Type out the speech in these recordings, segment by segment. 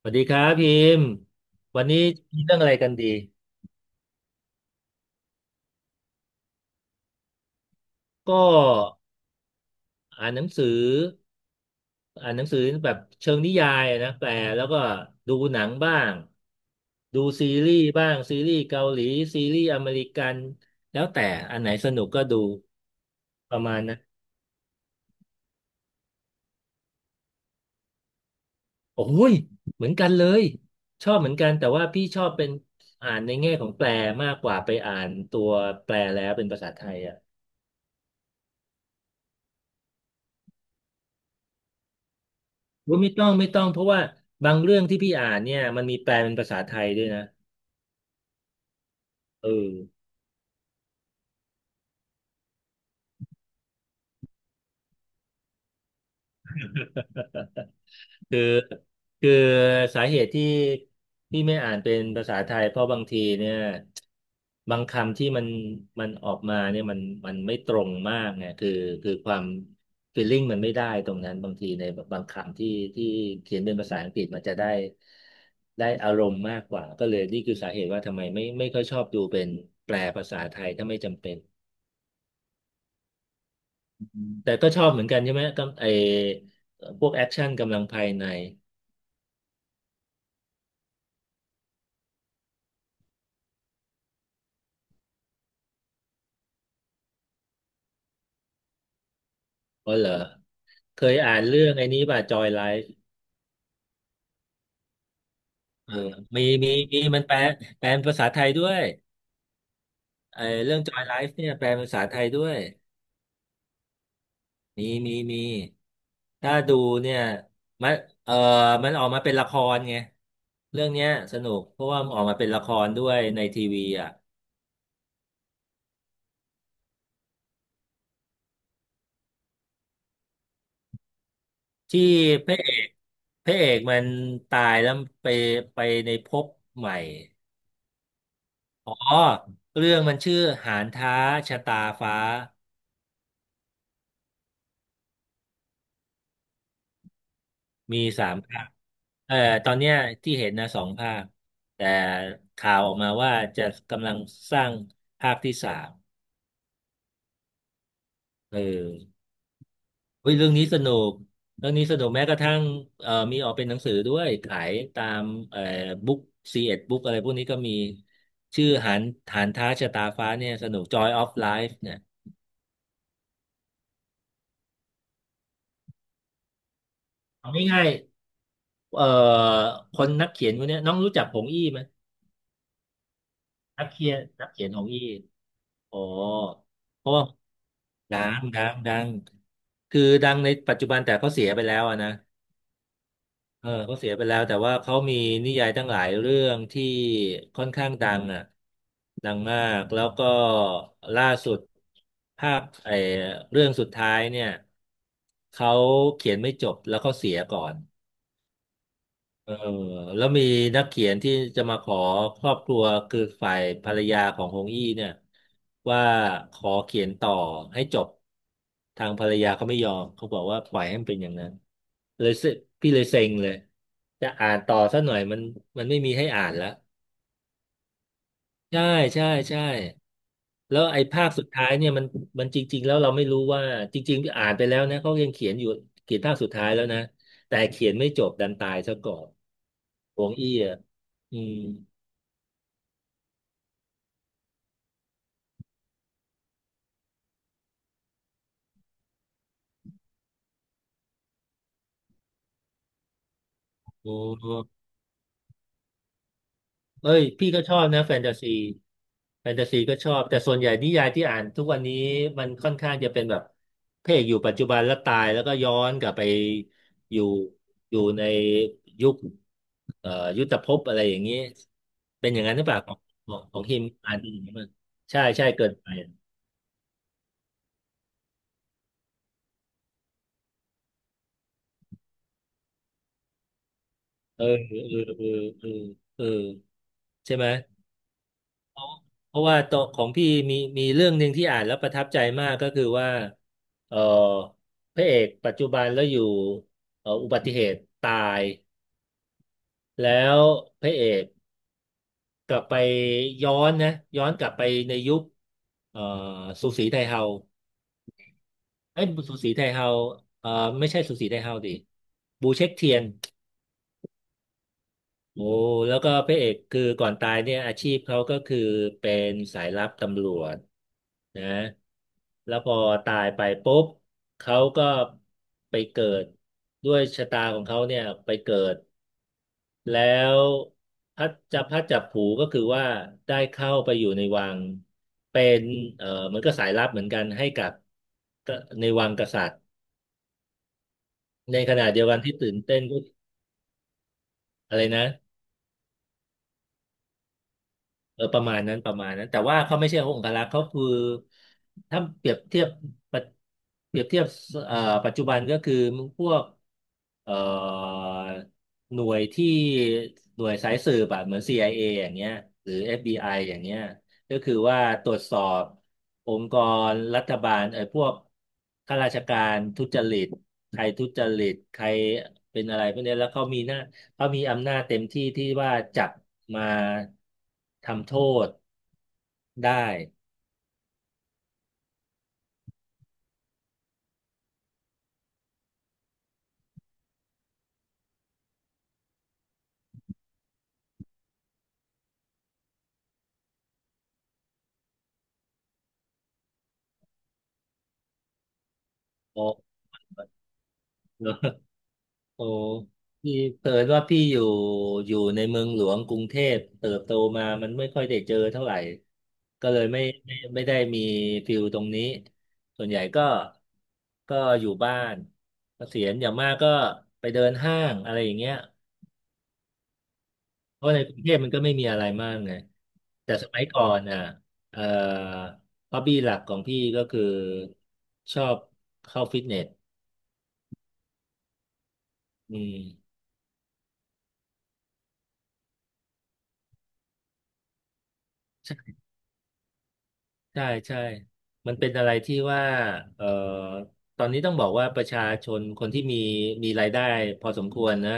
สวัสดีครับพิมพ์วันนี้มีเรื่องอะไรกันดีก็อ่านหนังสืออ่านหนังสือแบบเชิงนิยายอะนะแปลแล้วก็ดูหนังบ้างดูซีรีส์บ้างซีรีส์เกาหลีซีรีส์อเมริกันแล้วแต่อันไหนสนุกก็ดูประมาณนะโอ้ยเหมือนกันเลยชอบเหมือนกันแต่ว่าพี่ชอบเป็นอ่านในแง่ของแปลมากกว่าไปอ่านตัวแปลแล้วเป็นภาษาไทยอ่ะ ว่าไม่ต้องเพราะว่าบางเรื่องที่พี่อ่านเนี่ยมันมีแปลเป็นภาษาไทยด้วยนะเออ คือคือสาเหตุที่ไม่อ่านเป็นภาษาไทยเพราะบางทีเนี่ยบางคำที่มันออกมาเนี่ยมันไม่ตรงมากไงคือความฟีลลิ่งมันไม่ได้ตรงนั้นบางทีในบางคำที่เขียนเป็นภาษาอังกฤษมันจะได้อารมณ์มากกว่าก็เลยนี่คือสาเหตุว่าทำไมไม่ค่อยชอบดูเป็นแปลภาษาไทยถ้าไม่จำเป็น แต่ก็ชอบเหมือนกันใช่ไหมก็ไอพวกแอคชั่นกำลังภายในอ๋อเหรอเคยอ่านเรื่องไอ้นี้ป่ะจอยไลฟ์เออมีมันแปลเป็นภาษาไทยด้วยไอเรื่องจอยไลฟ์เนี่ยแปลเป็นภาษาไทยด้วยมีถ้าดูเนี่ยมันเออมันออกมาเป็นละครไงเรื่องเนี้ยสนุกเพราะว่ามันออกมาเป็นละครด้วยในทีวีอ่ะที่พระเอกพระเอกมันตายแล้วไปไปในภพใหม่ อ๋อเรื่องมันชื่อหานท้าชะตาฟ้ามีสามภาคเอ่อตอนเนี้ยที่เห็นนะสองภาคแต่ข่าวออกมาว่าจะกำลังสร้างภาคที่สามเออเฮ้ยเรื่องนี้สนุกเรื่องนี้สนุกแม้กระทั่งมีออกเป็นหนังสือด้วยขายตามเอ่อบุ๊กซีเอ็ดบุ๊กอะไรพวกนี้ก็มีชื่อหานท้าชะตาฟ้าเนี่ยสนุก Joy of Life เนี่ยเอาง่ายๆคนนักเขียนคนเนี้ยน้องรู้จักผงอี้ไหม นักเขียนของอีกอ๋อเพราะว่าดังคือดังในปัจจุบันแต่เขาเสียไปแล้วอะนะเออเขาเสียไปแล้วแต่ว่าเขามีนิยายตั้งหลายเรื่องที่ค่อนข้างดังอ่ะดังมากแล้วก็ล่าสุดภาคไอ้เรื่องสุดท้ายเนี่ยเขาเขียนไม่จบแล้วเขาเสียก่อน เออแล้วมีนักเขียนที่จะมาขอครอบครัวคือฝ่ายภรรยาของฮงอี้เนี่ยว่าขอเขียนต่อให้จบทางภรรยาเขาไม่ยอมเขาบอกว่าปล่อยให้มันเป็นอย่างนั้นเลยพี่เลยเซ็งเลยจะอ่านต่อสักหน่อยมันไม่มีให้อ่านแล้ว ใช่ใช่แล้วไอ้ภาคสุดท้ายเนี่ยมันจริงๆแล้วเราไม่รู้ว่าจริงๆอ่านไปแล้วนะเขายังเขียนอยู่เขียนภาคสุดท้ายแล้วนะแต่เขียนไม่จบดันตายซะก่อนหวงอี้อ่ะอืมโอ้ เอ้ยพี่ก็ชอบนะแฟนตาซีแฟนตาซีก็ชอบแต่ส่วนใหญ่นิยายที่อ่านทุกวันนี้มันค่อนข้างจะเป็นแบบพระเอกอยู่ปัจจุบันแล้วตายแล้วก็ย้อนกลับไปอยู่อยู่ในยุคเอ่อยุทธภพอะไรอย่างนี้เป็นอย่างนั้นหรือเปล่าของของฮิมอ่านเป็นอย่างนี้มั้งใช่ใช่เกินไปเออเออเออเออเออใช่ไหม เพราะว่าตัวของพี่มีเรื่องหนึ่งที่อ่านแล้วประทับใจมากก็คือว่าเออพระเอกปัจจุบันแล้วอยู่อุบัติเหตุตายแล้วพระเอกกลับไปย้อนนะย้อนกลับไปในยุคเอ่อสูสีไทเฮาเอ้ยสูสีไทเฮาเอ่อไม่ใช่สูสีไทเฮาดิบูเช็คเทียน โอ้แล้วก็พระเอกคือก่อนตายเนี่ยอาชีพเขาก็คือเป็นสายลับตำรวจนะแล้วพอตายไปปุ๊บเขาก็ไปเกิดด้วยชะตาของเขาเนี่ยไปเกิดแล้วพัดจับผูก็คือว่าได้เข้าไปอยู่ในวังเป็นเหมือนก็สายลับเหมือนกันให้กับก็ในวังกษัตริย์ในขณะเดียวกันที่ตื่นเต้นก็อะไรนะ เออประมาณนั้นประมาณนั้นแต่ว่าเขาไม่ใช่องครักษ์เขาคือถ้าเปรียบเทียบปะเปรียบเทียบเอ่อปัจจุบันก็คือพวกเอ่อหน่วยที่หน่วยสายสืบอะเหมือน CIA อเออย่างเงี้ยหรือ FBI อฟบีไออย่างเงี้ยก็คือว่าตรวจสอบองค์กรรัฐบาลไอ้พวกข้าราชการทุจริตใครทุจริตใครเป็นอะไรพวกเนี้ยแล้วเขามีหน้า เขามีอำนาจเต็มที่ที่ว่าจับมาทำโทษได้โอ้โอ้พี่เผอิญว่าพี่อยู่ในเมืองหลวงกรุงเทพเติบโตมามันไม่ค่อยได้เจอเท่าไหร่ก็เลยไม่ไม่ได้มีฟิลตรงนี้ส่วนใหญ่ก็อยู่บ้านเกษียณอย่างมากก็ไปเดินห้างอะไรอย่างเงี้ย เพราะในกรุงเทพมันก็ไม่มีอะไรมากไงแต่สมัยก่อนอ่ะเอ่อฮอบบี้หลักของพี่ก็คือชอบเข้าฟิตเนสอืมใช่ ใช่ใช่มันเป็นอะไรที่ว่าเอ่อตอนนี้ต้องบอกว่าประชาชนคนที่มีรายได้พอสมควรนะ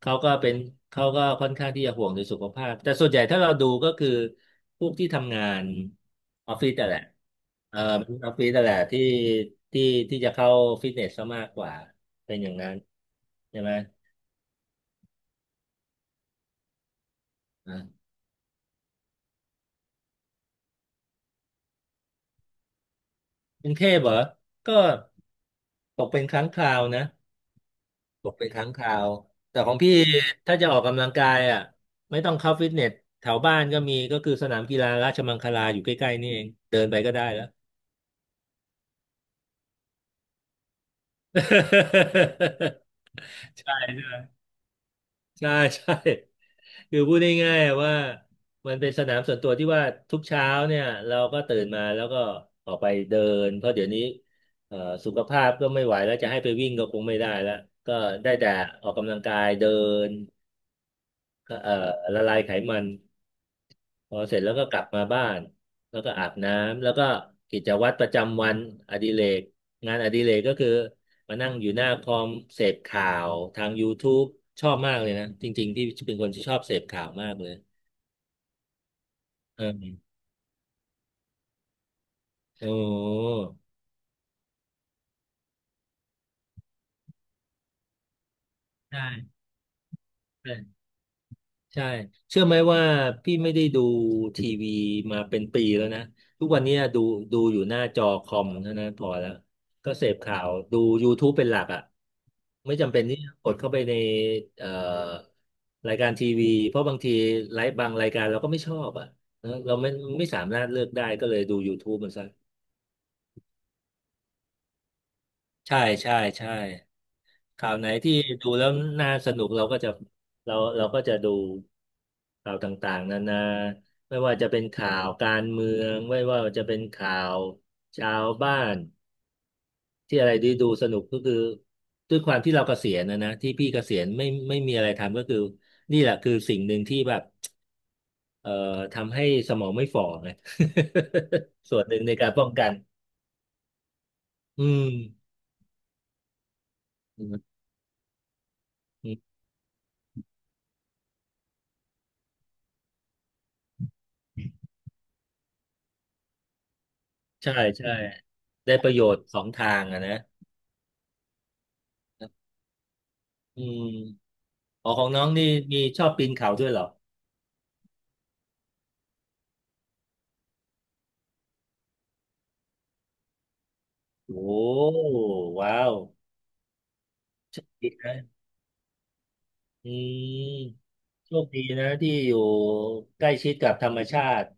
เขาก็เป็นเขาก็ค่อนข้างที่จะห่วงในสุขภาพแต่ส่วนใหญ่ถ้าเราดูก็คือพวกที่ทำงานออฟฟิศแต่นแหละเอ่อออฟฟิศแต่นแหละที่ที่จะเข้าฟิตเนสซะมากกว่าเป็นอย่างนั้นใช่ไหมอ่ากรุงเทพเหรอก็ตกเป็นครั้งคราวนะ ตกเป็นครั้งคราวแต่ของพี่ถ้าจะออกกำลังกายอ่ะไม่ต้องเข้าฟิตเนสแถวบ้านก็มีก็คือสนามกีฬาราชมังคลาอยู่ใกล้ๆนี่เองเดินไปก็ได้แล้ว ใช่ใช่ใช่ใช่คือพูดง่ายๆว่ามันเป็นสนามส่วนตัวที่ว่าทุกเช้าเนี่ยเราก็ตื่นมาแล้วก็ออกไปเดินเพราะเดี๋ยวนี้เอ่อสุขภาพก็ไม่ไหวแล้วจะให้ไปวิ่งก็คงไม่ได้แล้วก็ได้แต่ออกกำลังกายเดินเอ่อละลายไขมัน พอเสร็จแล้วก็กลับมาบ้านแล้วก็อาบน้ำแล้วก็กิจวัตรประจำวันอดิเรกงานอดิเรกก็คือมานั่งอยู่หน้าคอมเสพข่าวทาง YouTube ชอบมากเลยนะจริงๆที่เป็นคนที่ชอบเสพข่าวมากเลยเออโอ้ใช่ ใช่ เชื่อไหมว่าพี่ไม่ได้ดูทีวีมาเป็นปีแล้วนะทุกวันเนี้ยดูอยู่หน้าจอคอมเท่านั้นพอแล้วก็เสพข่าวดู YouTube เป็นหลักอ่ะไม่จำเป็นที่จะกดเข้าไปในเอ่อรายการทีวีเพราะบางทีไลฟ์บางรายการเราก็ไม่ชอบอ่ะนะเราไม่สามารถเลือกได้ก็เลยดู YouTube มันซะ ใช่ใช่ใช่ข่าวไหนที่ดูแล้วน่าสนุกเราก็จะเราก็จะดูข่าวต่างๆนานาไม่ว่าจะเป็นข่าวการเมืองไม่ว่าจะเป็นข่าวชาวบ้านที่อะไรที่ดูสนุกก็คือด้วยความที่เราเกษียณนะที่พี่เกษียณไม่มีอะไรทำก็คือนี่แหละคือสิ่งหนึ่งที่แบบเอ่อทำให้สมองไม่ฝ่อไง ส่วนหนึ่งในการป้องกันอืมอืม ใช่ใช่ได้ประโยชน์สองทางอะนะอืมอ๋อของน้องนี่มีชอบปีนเขาด้วยเหรอโอ้ว้าวโชคดีนะอืมโชคดีนะที่อยู่ใกล้ชิดกับธรรมชาติ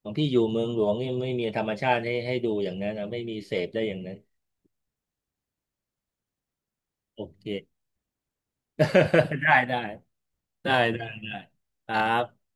ของพี่อยู่เมืองหลวงนี่ไม่มีธรรมชาติให้ดูอย่างนั้นนะไม่มีเสพได้อย่างนั้นโอเค ได้ได้ได้ได้ได้ครับ